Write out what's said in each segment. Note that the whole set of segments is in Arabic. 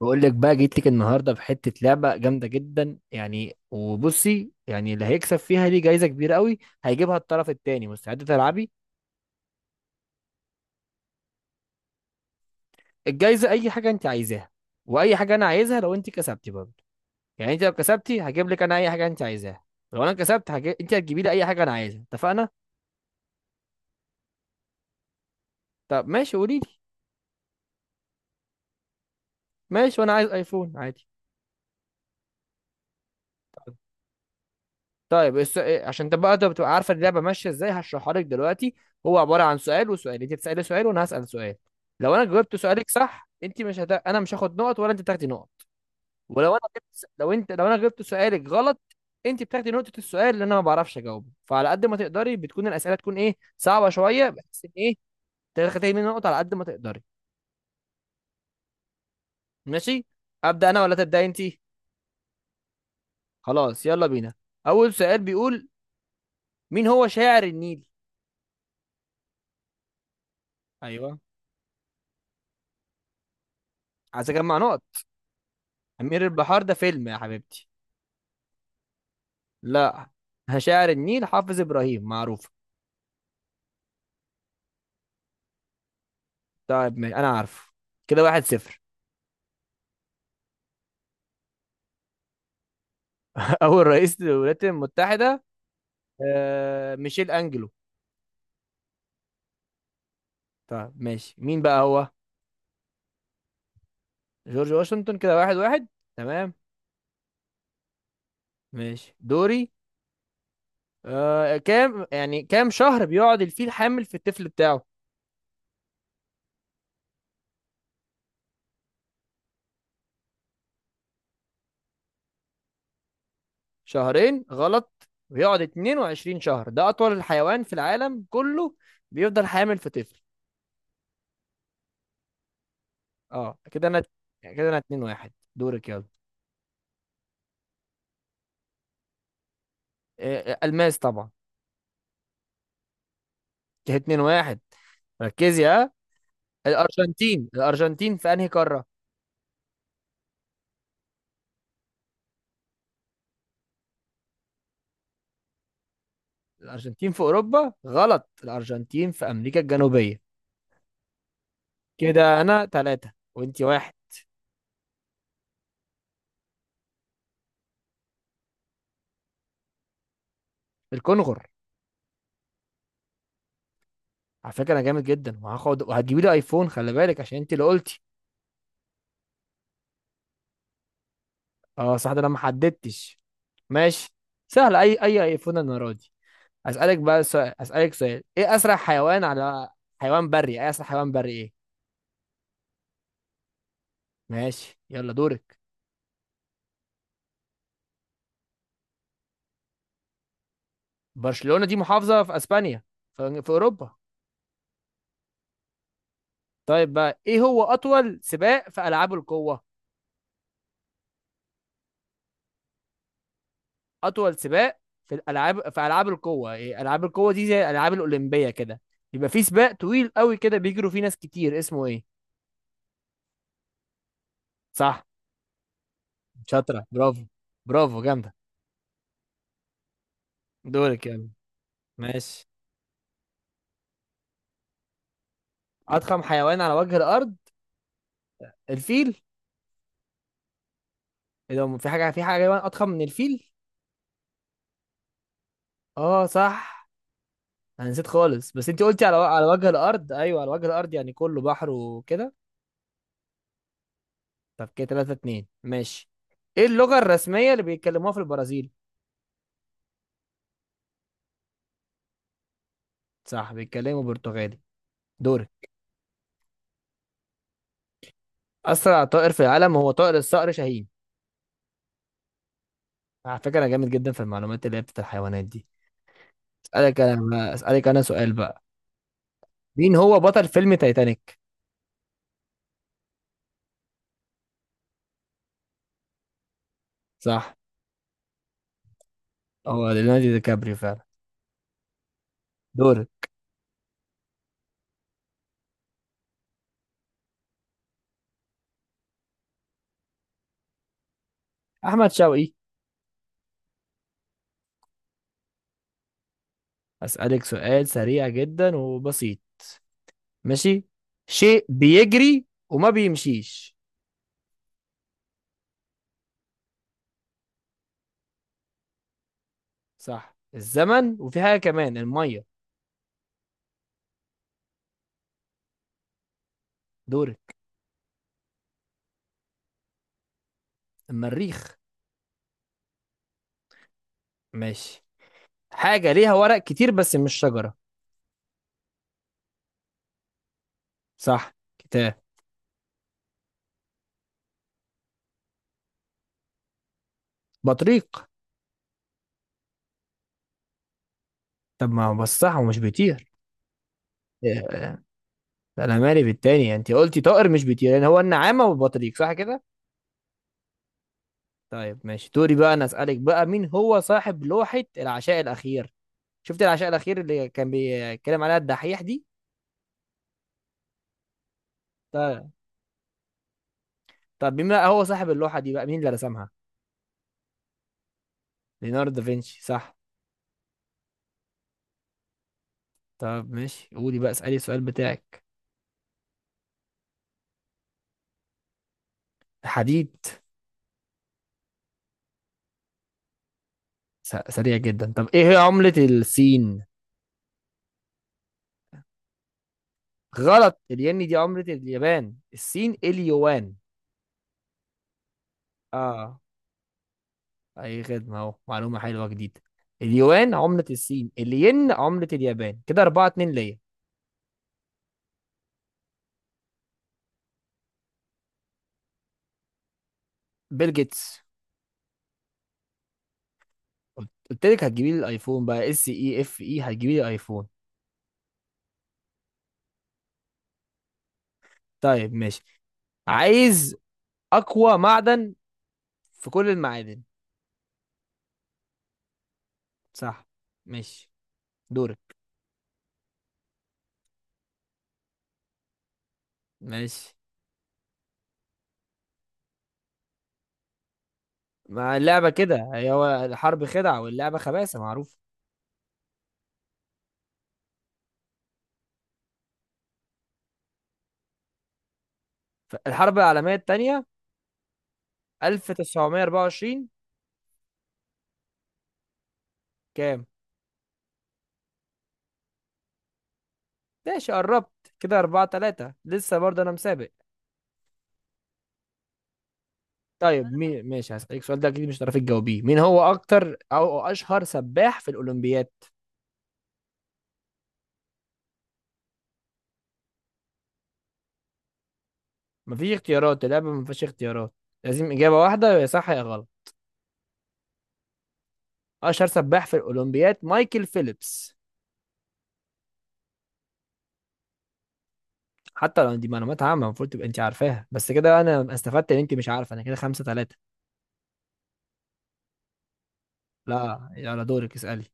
بقول لك بقى جيت لك النهارده بحته لعبه جامده جدا وبصي اللي هيكسب فيها ليه جايزه كبيره قوي هيجيبها الطرف التاني. مستعده تلعبي؟ الجايزه اي حاجه انت عايزاها، واي حاجه انا عايزها لو انت كسبتي برضه. يعني انت لو كسبتي هجيب لك انا اي حاجه انت عايزاها، لو انا كسبت انت هتجيبي لي اي حاجه انا عايزها. اتفقنا؟ طب ماشي، قولي لي. ماشي، وانا عايز ايفون عادي. طيب الس... إيه، عشان تبقى عارفه اللعبه ماشيه ازاي هشرحها لك دلوقتي. هو عباره عن سؤال وسؤال، انت تسالي سؤال وانا هسال سؤال. لو انا جاوبت سؤالك صح، انت مش هت... انا مش هاخد نقط ولا انت بتاخدي نقط. ولو انا جبت... س- لو انت لو انا جبت سؤالك غلط، انت بتاخدي نقطه. السؤال اللي انا ما بعرفش اجاوبه، فعلى قد ما تقدري بتكون الاسئله تكون ايه صعبه شويه، بحيث ان تاخدي مني نقط على قد ما تقدري. ماشي. ابدا انا ولا تبداي انت؟ خلاص يلا بينا. اول سؤال بيقول، مين هو شاعر النيل؟ ايوه، عايز اجمع نقط. أمير البحار ده فيلم يا حبيبتي. لا، شاعر النيل حافظ إبراهيم، معروف. طيب ماشي، أنا عارفه. كده واحد صفر. أول رئيس للولايات المتحدة؟ آه، ميشيل أنجلو. طيب ماشي، مين بقى هو؟ جورج واشنطن. كده واحد واحد. تمام. ماشي دوري. كام، كام شهر بيقعد الفيل حامل في الطفل بتاعه؟ شهرين غلط، بيقعد 22 شهر، ده أطول الحيوان في العالم كله بيفضل حامل في طفل. اه، كده أنا، كده أنا 2 واحد، دورك يلا. آه، الماس طبعا. كده 2 1. ركزي ها. الارجنتين في انهي قاره؟ الارجنتين في اوروبا غلط، الارجنتين في امريكا الجنوبيه. كده انا ثلاثة وانتي واحد. الكونغر. على فكره انا جامد جدا، وهاخد وهتجيبي لي ايفون، خلي بالك عشان انت اللي قلتي. اه صح، ده انا ما حددتش، ماشي. سهل، اي ايفون انا راضي. اسالك بقى سؤال، اسالك سؤال، ايه اسرع حيوان على، حيوان بري، ايه اسرع حيوان بري ايه؟ ماشي يلا دورك. برشلونة دي محافظة في اسبانيا، في اوروبا. طيب بقى، ايه هو اطول سباق في العاب القوة؟ اطول سباق في الالعاب في العاب القوة. إيه؟ العاب القوة دي زي الالعاب الاولمبية كده، يبقى في سباق طويل قوي كده بيجروا فيه ناس كتير، اسمه ايه؟ صح، شاطرة، برافو، برافو جامدة. دورك يلا. ماشي. اضخم حيوان على وجه الارض؟ الفيل. إيه ده، في حاجه، في حاجه حيوان اضخم من الفيل؟ اه صح، انا نسيت خالص، بس انت قلتي على وجه الارض، ايوه على وجه الارض يعني كله بحر وكده. طب كده 3 2 ماشي. ايه اللغة الرسمية اللي بيتكلموها في البرازيل؟ صح، بيتكلموا برتغالي. دورك. أسرع طائر في العالم هو طائر الصقر شاهين. على فكرة أنا جامد جدا في المعلومات اللي هي بتاعت الحيوانات دي. أسألك أنا بقى، أسألك أنا سؤال بقى، مين هو بطل فيلم تايتانيك؟ صح، هو ليوناردو دي كابريو فعلا. دورك. أحمد شوقي. أسألك سؤال سريع جدا وبسيط. ماشي. شيء بيجري وما بيمشيش. صح الزمن، وفي حاجة كمان، المية. دورك. المريخ. ماشي. حاجة ليها ورق كتير بس مش شجرة. صح، كتاب. بطريق. طب ما هو بس صح، ومش بيطير. إيه، انا مالي بالتاني، انت قلتي طائر مش بيطير، يعني هو النعامة والبطريق، صح كده. طيب ماشي دوري بقى، انا اسألك بقى، مين هو صاحب لوحة العشاء الأخير؟ شفت العشاء الأخير اللي كان بيتكلم عليها الدحيح دي؟ طيب. طب مين بقى هو صاحب اللوحة دي بقى، مين اللي رسمها؟ ليوناردو دافنشي، صح. طب ماشي، قولي بقى، اسألي السؤال بتاعك. حديد. سريع جدا. طب ايه هي عملة الصين؟ غلط، الين دي عملة اليابان، الصين اليوان. اه، اي خدمة، اهو معلومة حلوة جديدة. اليوان عملة الصين، الين عملة اليابان. كده 4 2 ليا. بيل جيتس. قلت لك هتجيبي لي الايفون بقى اس اي اف اي، هتجيبي لي ايفون. طيب ماشي. عايز اقوى معدن في كل المعادن. صح. ماشي. دورك. ماشي. مع اللعبة كده، هو الحرب خدعة واللعبة خباثة، معروف. الحرب العالمية التانية 1924. كام؟ ماشي، قربت كده، أربعة تلاتة، لسه برضه أنا مسابق. طيب مين، ماشي هسألك السؤال ده، أكيد مش هتعرفي تجاوبيه، مين هو أكتر أو أشهر سباح في الأولمبياد؟ مفيش اختيارات، اللعبة مفيش اختيارات، لازم إجابة واحدة، يا صح يا غلط. أشهر سباح في الأولمبياد مايكل فيليبس. حتى لو دي معلومات عامة المفروض تبقى أنت عارفاها، بس كده أنا استفدت إن أنت مش عارفة، أنا كده خمسة تلاتة. لا يلا دورك اسألي.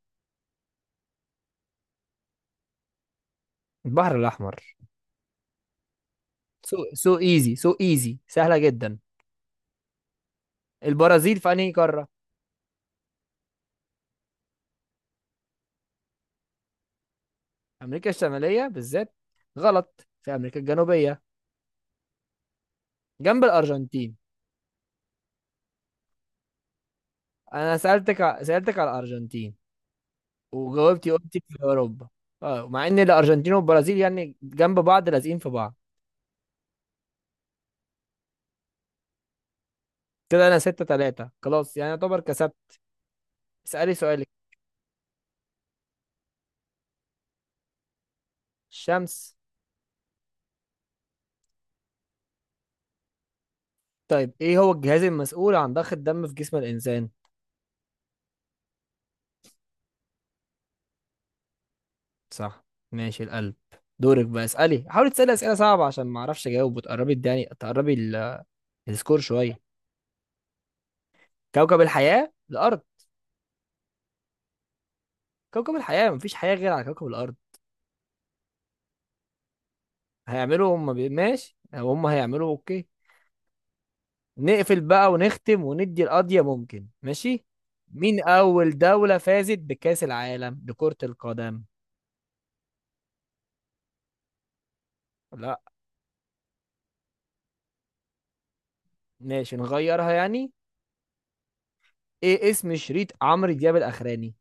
البحر الأحمر. سو، سو إيزي، سو إيزي، سهلة جدا. البرازيل في أنهي قارة؟ امريكا الشماليه بالذات؟ غلط، في امريكا الجنوبيه، جنب الارجنتين. انا سالتك على الارجنتين، وجاوبتي قلتي في اوروبا. اه، مع ان الارجنتين والبرازيل يعني جنب بعض، لازقين في بعض. كده انا ستة تلاتة، خلاص يعني يعتبر كسبت. اسالي سؤالك. الشمس. طيب ايه هو الجهاز المسؤول عن ضخ الدم في جسم الانسان؟ صح، ماشي، القلب. دورك بقى، اسالي، حاولي تسالي اسئله صعبه عشان ما اعرفش اجاوب، وتقربي الداني، تقربي السكور شويه. كوكب الحياه الارض. كوكب الحياة مفيش حياة غير على كوكب الأرض. هيعملوا ماشي، هم هيعملوا أوكي. نقفل بقى ونختم وندي القضية، ممكن؟ ماشي. مين أول دولة فازت بكأس العالم لكرة القدم؟ لا ماشي، نغيرها يعني. إيه اسم شريط عمرو دياب الأخراني؟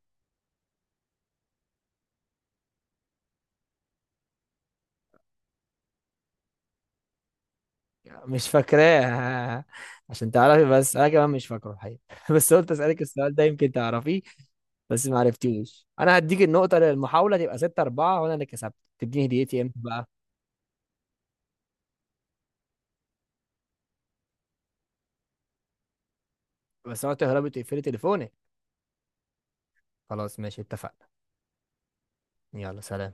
مش فاكراه؟ عشان تعرفي بس، أنا كمان مش فاكره الحقيقة. بس قلت أسألك السؤال ده يمكن تعرفيه، بس ما عرفتيهوش. أنا هديك النقطة للمحاولة تبقى 6 4، وأنا اللي كسبت. تديني هديتي إمتى بقى؟ بس أنا قلت لهربت تقفلي تليفونك. خلاص ماشي، اتفقنا. يلا، سلام.